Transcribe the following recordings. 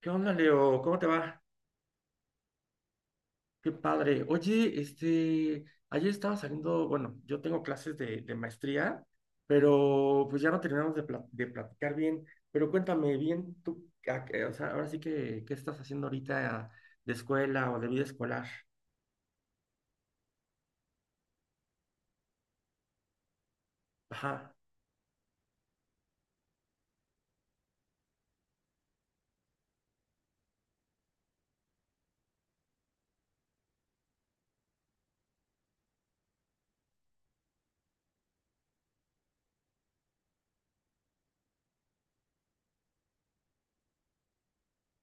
¿Qué onda, Leo? ¿Cómo te va? Qué padre. Oye, este, ayer estaba saliendo, bueno, yo tengo clases de maestría, pero pues ya no terminamos de platicar bien. Pero cuéntame bien tú, o sea, ahora sí que, ¿qué estás haciendo ahorita de escuela o de vida escolar? Ajá.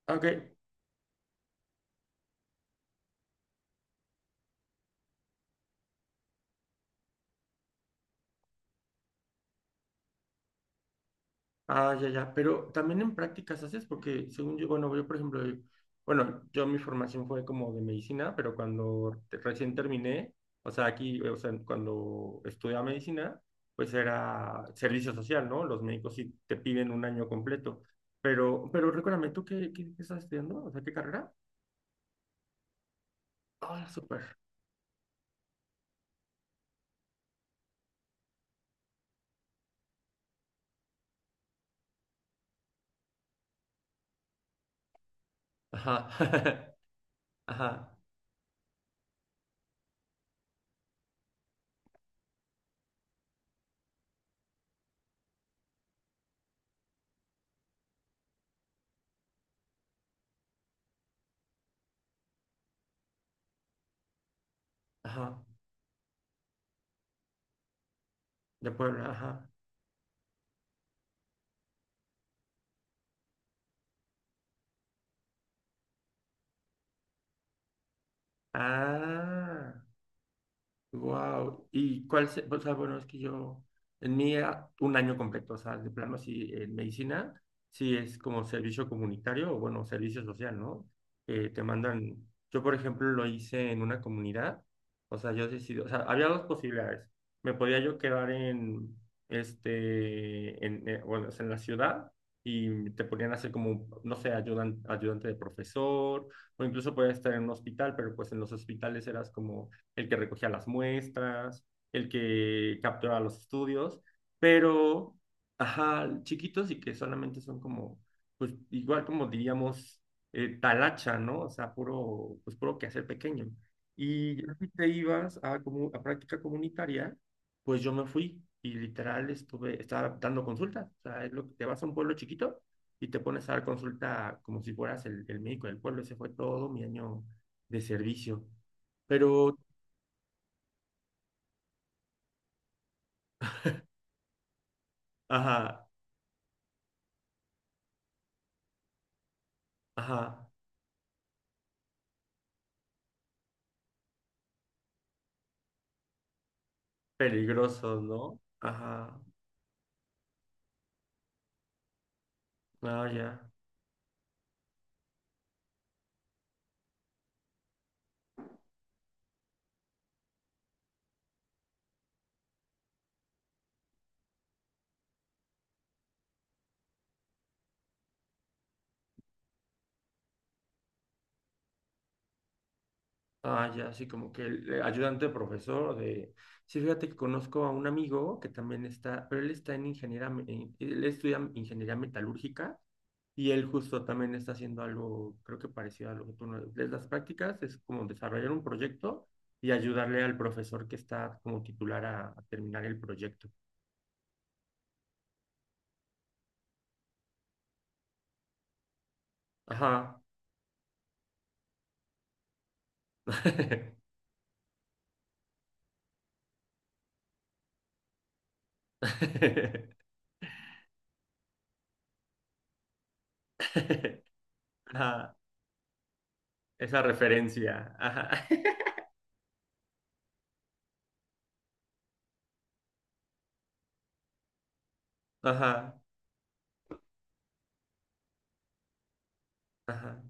Ah, ok. Ah, ya, ya, pero también en prácticas haces, porque según yo, bueno, yo por ejemplo, bueno, yo mi formación fue como de medicina, pero recién terminé, o sea, aquí, o sea, cuando estudiaba medicina, pues era servicio social, ¿no? Los médicos sí te piden un año completo, pero recuérdame, ¿tú qué estás estudiando? O sea, ¿qué carrera? Ah, súper. Ajá, ajá, ajá, de Puebla, ajá. Ah. Wow. ¿Y cuál se, o sea, bueno, es que yo, en mí un año completo, o sea, de plano sí, en medicina, sí es como servicio comunitario o bueno, servicio social, ¿no? Que te mandan, yo por ejemplo lo hice en una comunidad, o sea, yo decidí, o sea, había dos posibilidades. Me podía yo quedar en, este, bueno, o sea, en la ciudad y te ponían a hacer como, no sé, ayudante de profesor, o incluso podías estar en un hospital, pero pues en los hospitales eras como el que recogía las muestras, el que capturaba los estudios, pero, ajá, chiquitos y que solamente son como, pues igual como diríamos, talacha, ¿no? O sea, puro, pues puro quehacer pequeño. Y ya si te ibas a, como a práctica comunitaria, pues yo me fui y literal estaba dando consultas. O sea, es lo que te vas a un pueblo chiquito y te pones a dar consulta como si fueras el médico del pueblo. Ese fue todo mi año de servicio. Pero ajá, ajá, peligroso, ¿no? Ajá, ah, ya, ah, ya, sí, como que el ayudante profesor de... Sí, fíjate que conozco a un amigo que también está, pero él está en ingeniería, él estudia ingeniería metalúrgica y él justo también está haciendo algo, creo que parecido a lo que tú... de las prácticas es como desarrollar un proyecto y ayudarle al profesor que está como titular a terminar el proyecto. Ajá. Ajá. Esa referencia. Ajá. Ajá. Ajá.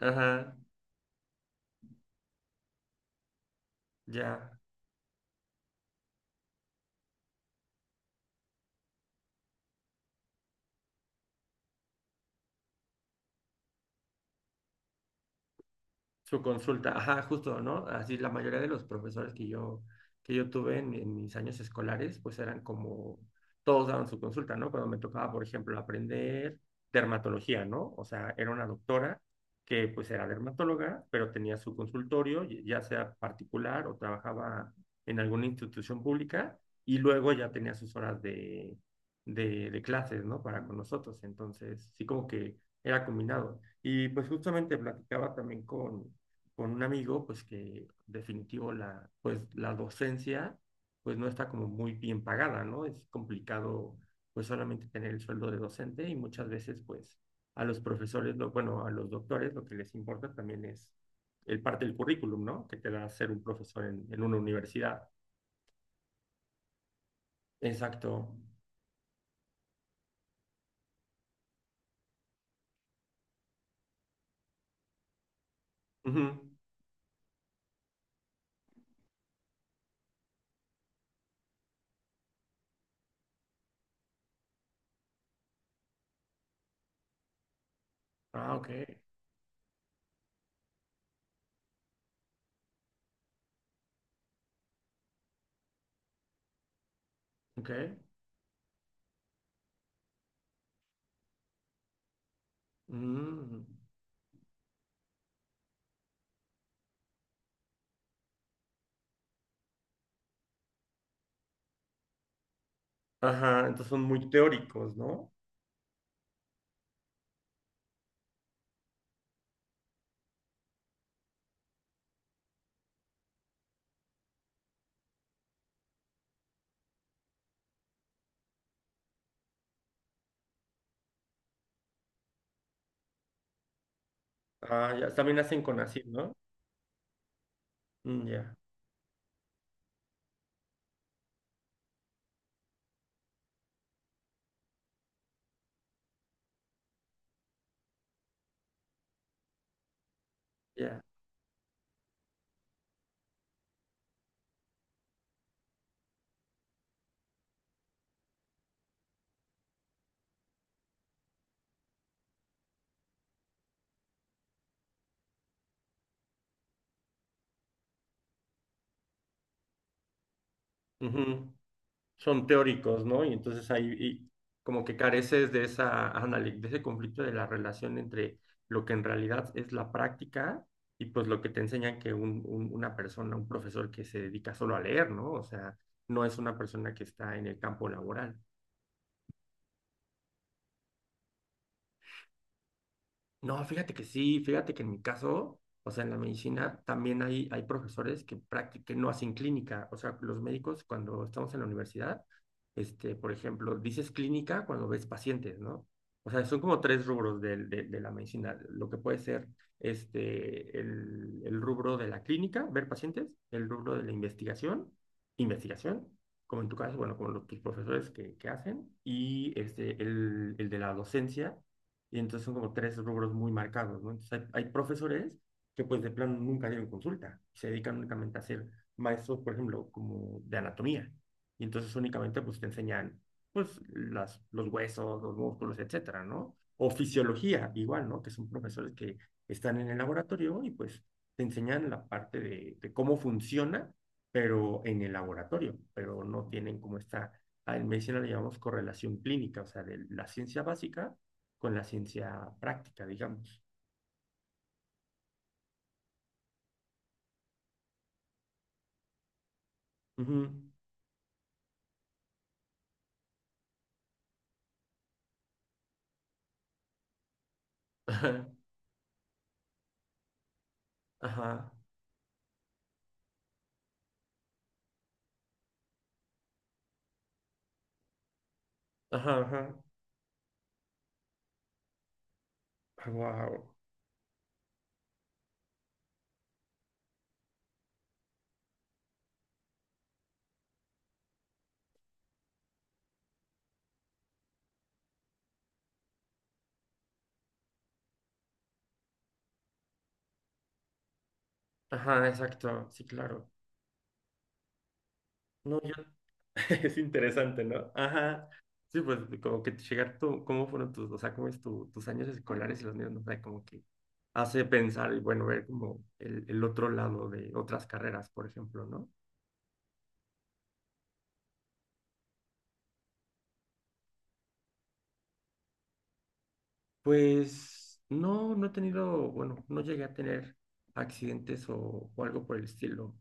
Ajá. Ya. Su consulta, ajá, justo, ¿no? Así la mayoría de los profesores que yo tuve en mis años escolares, pues eran como, todos daban su consulta, ¿no? Cuando me tocaba, por ejemplo, aprender dermatología, ¿no? O sea, era una doctora que pues era dermatóloga, pero tenía su consultorio, y- ya sea particular o trabajaba en alguna institución pública, y luego ya tenía sus horas de clases, ¿no? Para con nosotros. Entonces, sí como que era combinado. Y pues justamente platicaba también con un amigo, pues que definitivo la, pues, la docencia pues no está como muy bien pagada, ¿no? Es complicado pues solamente tener el sueldo de docente y muchas veces pues a los profesores, lo, bueno, a los doctores lo que les importa también es el parte del currículum, ¿no? Que te da ser un profesor en una universidad. Exacto. Ujú. Ah, ok, ok. Mm. Ajá, entonces son muy teóricos, ¿no? Ah, ya, también hacen CONACYT, ¿no? Mm, ya, ya. Ujú. Son teóricos, ¿no? Y entonces ahí y como que careces de esa de ese conflicto de la relación entre lo que en realidad es la práctica y pues lo que te enseña que una persona, un profesor que se dedica solo a leer, ¿no? O sea, no es una persona que está en el campo laboral. No, fíjate que sí, fíjate que en mi caso, o sea, en la medicina también hay profesores que, que no hacen clínica, o sea, los médicos cuando estamos en la universidad, este, por ejemplo, dices clínica cuando ves pacientes, ¿no? O sea, son como tres rubros de la medicina, lo que puede ser este, el rubro de la clínica, ver pacientes, el rubro de investigación, como en tu caso, bueno, como los, tus profesores que hacen, y este, el de la docencia y entonces son como tres rubros muy marcados, ¿no? Entonces hay profesores que pues de plano nunca dieron consulta, se dedican únicamente a ser maestros, por ejemplo, como de anatomía. Y entonces únicamente pues te enseñan pues las, los huesos, los músculos, etcétera, ¿no? O fisiología, igual, ¿no? Que son profesores que están en el laboratorio y pues te enseñan la parte de cómo funciona, pero en el laboratorio, pero no tienen como esta, en medicina le llamamos correlación clínica, o sea, de la ciencia básica con la ciencia práctica, digamos. Ujú. Ajá, ajá, ajá, wow. Ajá, exacto, sí, claro. No, yo, es interesante, ¿no? Ajá. Sí, pues como que llegar tú, cómo fueron tus, o sea, cómo es tus años escolares y los míos, no sé, como que hace pensar y bueno, ver como el otro lado de otras carreras, por ejemplo, ¿no? Pues no, no he tenido, bueno, no llegué a tener accidentes o algo por el estilo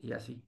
y así.